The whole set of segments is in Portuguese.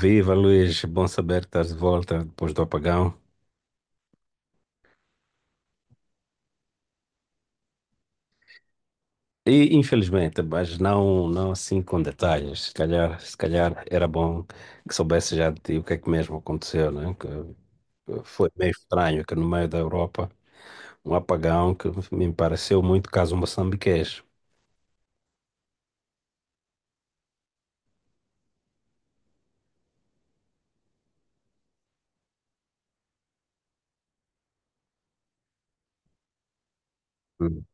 Viva Luís, bom saber que estás de volta depois do apagão. E infelizmente, mas não, não assim com detalhes. Se calhar, se calhar era bom que soubesse já de ti o que é que mesmo aconteceu, né? Que foi meio estranho que no meio da Europa um apagão que me pareceu muito caso moçambiquês. Hum,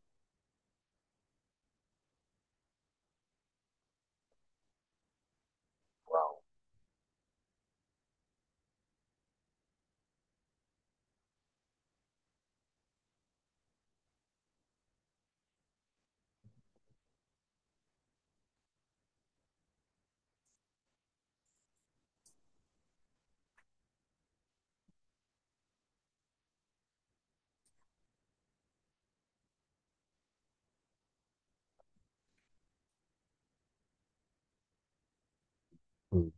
hum.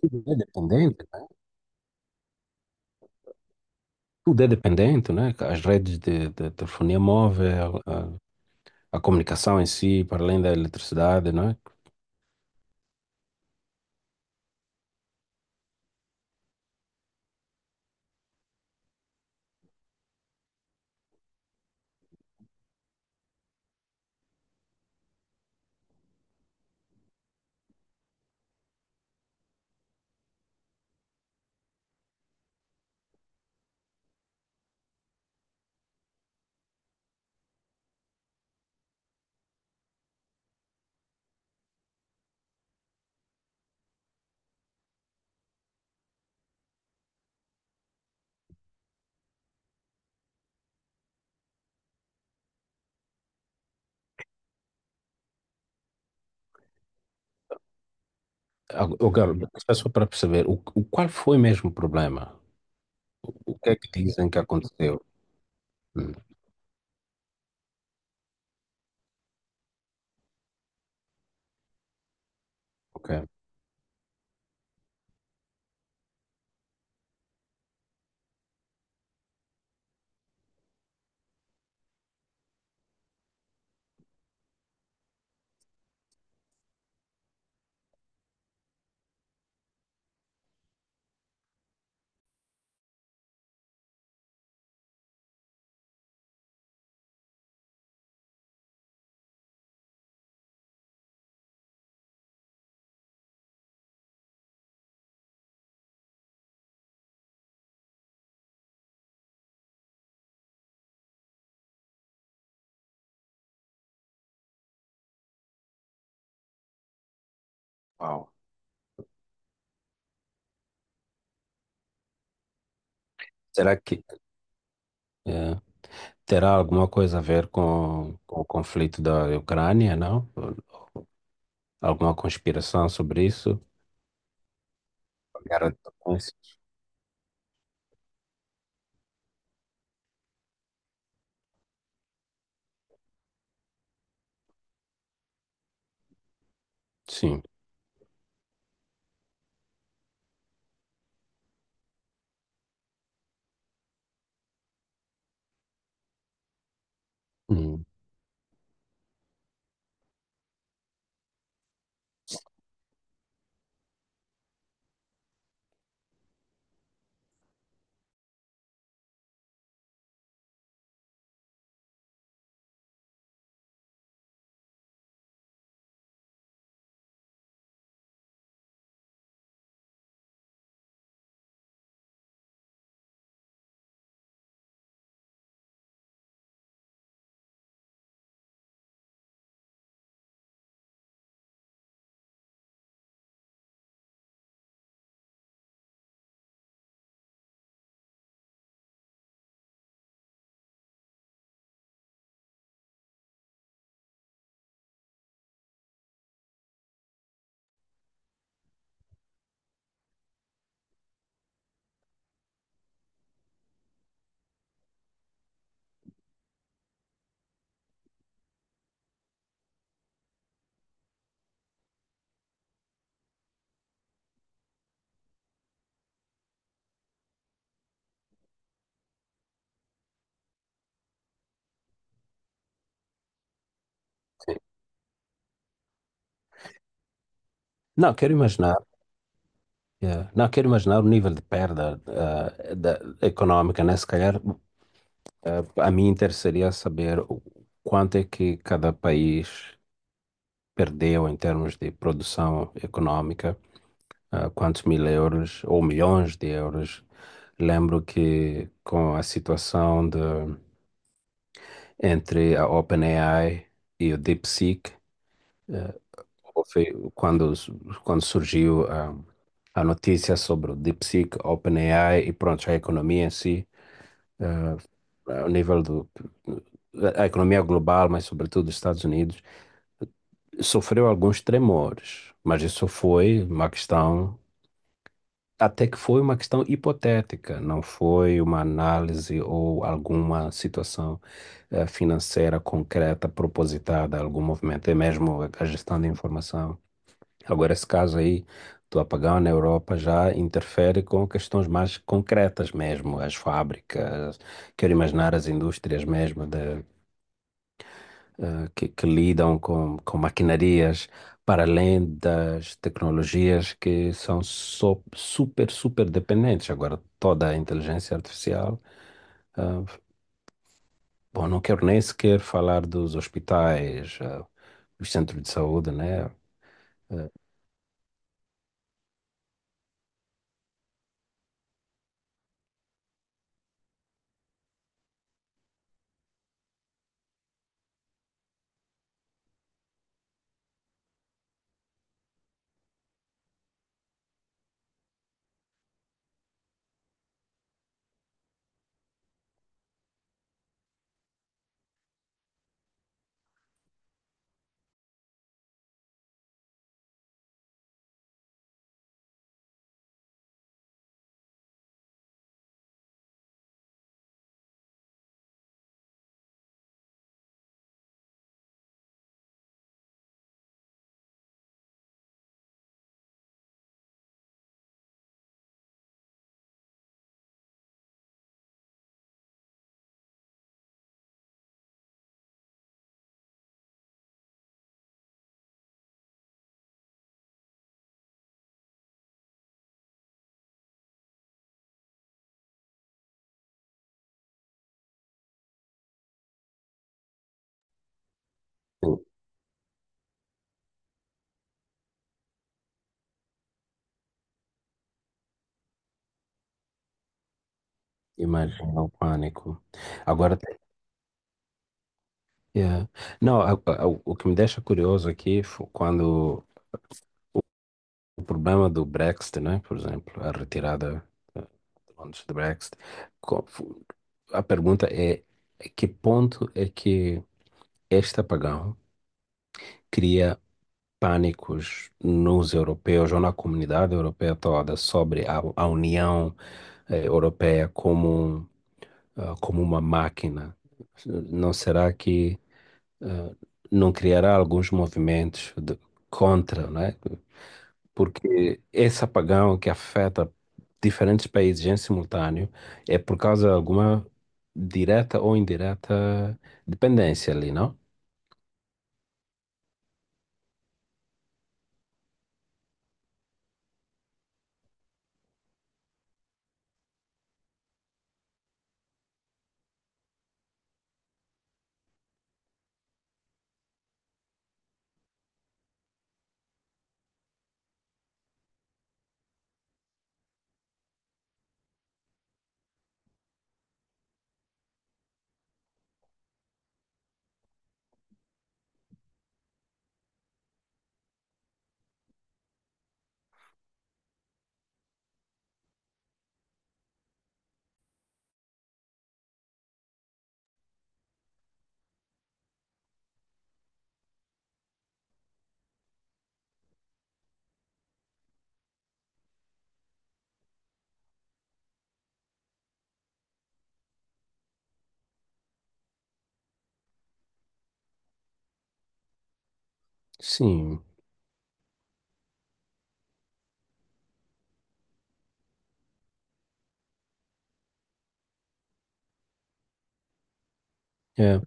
Tudo é dependente, né? Tudo é dependente, né? As redes de telefonia móvel, a comunicação em si, para além da eletricidade, né? Agora, só para perceber, qual foi mesmo o problema? O que é que dizem que aconteceu? Hum, ok. Uau. Será que eh, terá alguma coisa a ver com o conflito da Ucrânia, não? Alguma conspiração sobre isso? A Guerra de Donbass? Sim. Hum, sim. Não, quero imaginar, não, quero imaginar o nível de perda da, econômica, né? Se calhar, a mim interessaria saber o quanto é que cada país perdeu em termos de produção econômica, ah, quantos mil euros ou milhões de euros. Lembro que com a situação de, entre a OpenAI e o DeepSeek, quando, quando surgiu a notícia sobre o DeepSeek, OpenAI e pronto, a economia em si, ah, ao nível do, a economia global, mas sobretudo dos Estados Unidos, sofreu alguns tremores, mas isso foi uma questão. Até que foi uma questão hipotética, não foi uma análise ou alguma situação financeira concreta, propositada, algum movimento, é mesmo a gestão de informação. Agora, esse caso aí do apagão na Europa já interfere com questões mais concretas mesmo, as fábricas, quero imaginar as indústrias mesmo de, que lidam com maquinarias para além das tecnologias que são super, super dependentes. Agora, toda a inteligência artificial, ah, bom, não quero nem sequer falar dos hospitais, ah, dos centros de saúde, né? Ah, eu. Imagina o pânico. Agora, eh, não, o que me deixa curioso aqui foi quando o problema do Brexit, né? Por exemplo, a retirada. eh, antes do Brexit. Co- fu- A pergunta é, a que ponto é que este apagão cria pânicos nos europeus ou na comunidade europeia toda sobre a União Europeia como, ah, como uma máquina? Não será que ah, não criará alguns movimentos contra, né? Porque esse apagão que afeta diferentes países em simultâneo é por causa de alguma direta ou indireta dependência ali, não? Sim, é,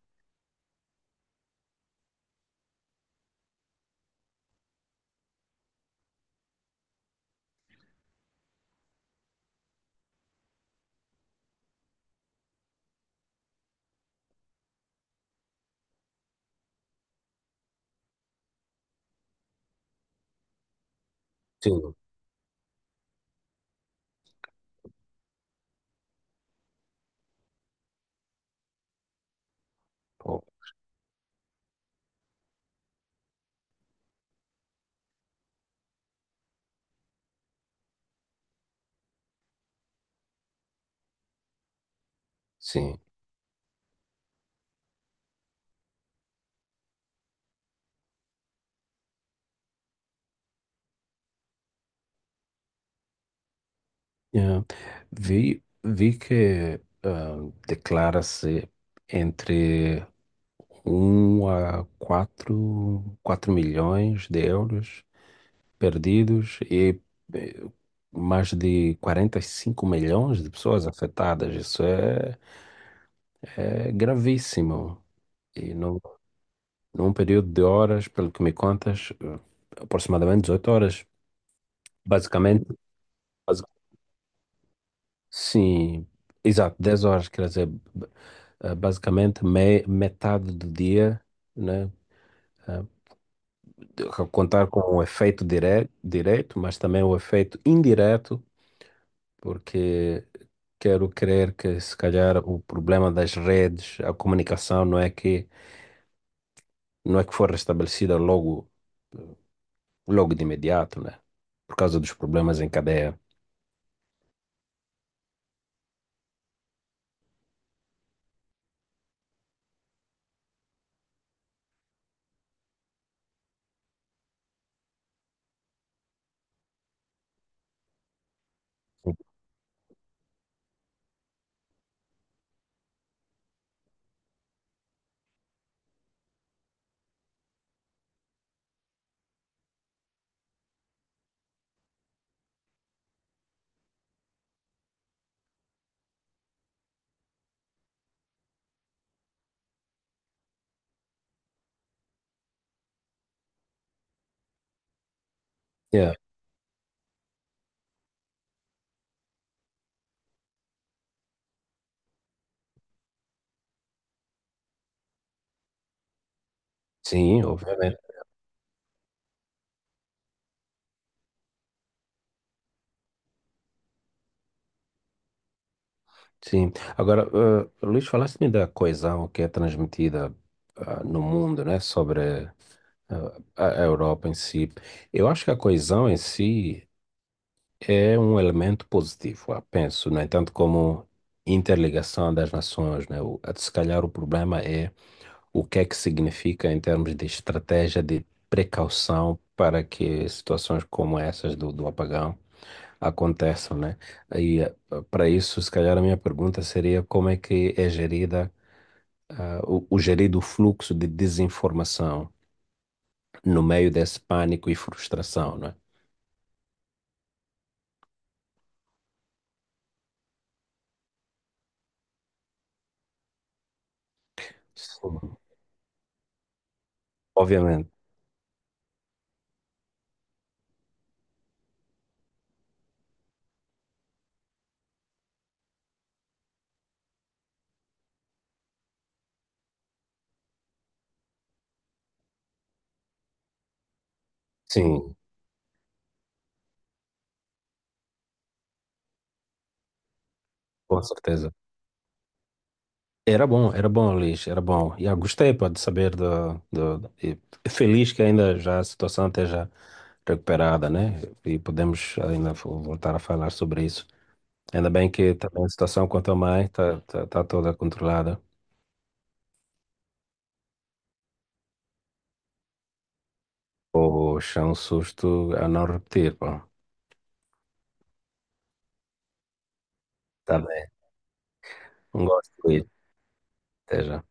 sim, oh, sim. É. Vi, vi que ah, declara-se entre um a quatro milhões de euros perdidos e eh, mais de 45 milhões de pessoas afetadas. Isso é, é gravíssimo. E num, num período de horas, pelo que me contas, eh, aproximadamente 18 horas. Basicamente, basi- sim, exato, 10 horas, quer dizer, eh, basicamente me, metade do dia. Né? eh, de- contar com o efeito direto, mas também o efeito indireto porque quero crer que se calhar o problema das redes, a comunicação não é que foi restabelecida logo logo de imediato, né? Por causa dos problemas em cadeia. Yeah. Sim, obviamente. Sim. Agora, eh, Luís, falaste-me da coesão que é transmitida ah, no mundo, né? Sobre ah, a Europa em si. Eu acho que a coesão em si é um elemento positivo, ah, penso. No entanto, como interligação das nações, né? O, se calhar o problema é o que é que significa em termos de estratégia de precaução para que situações como essas do, do apagão aconteçam, né? E ah, para isso, se calhar a minha pergunta seria como é que é gerida, ah, o gerido fluxo de desinformação no meio desse pânico e frustração, né? Sim. Obviamente, sim, com certeza. Era bom, Luiz, era bom. E eu gostei, pá, de saber do, do, e feliz que ainda já a situação esteja recuperada, né? E podemos ainda voltar a falar sobre isso. Ainda bem que também a situação quanto a mãe está tá, tá toda controlada. Poxa, é um susto a não repetir, pá. Tá bem, um gosto, Luiz. Até já.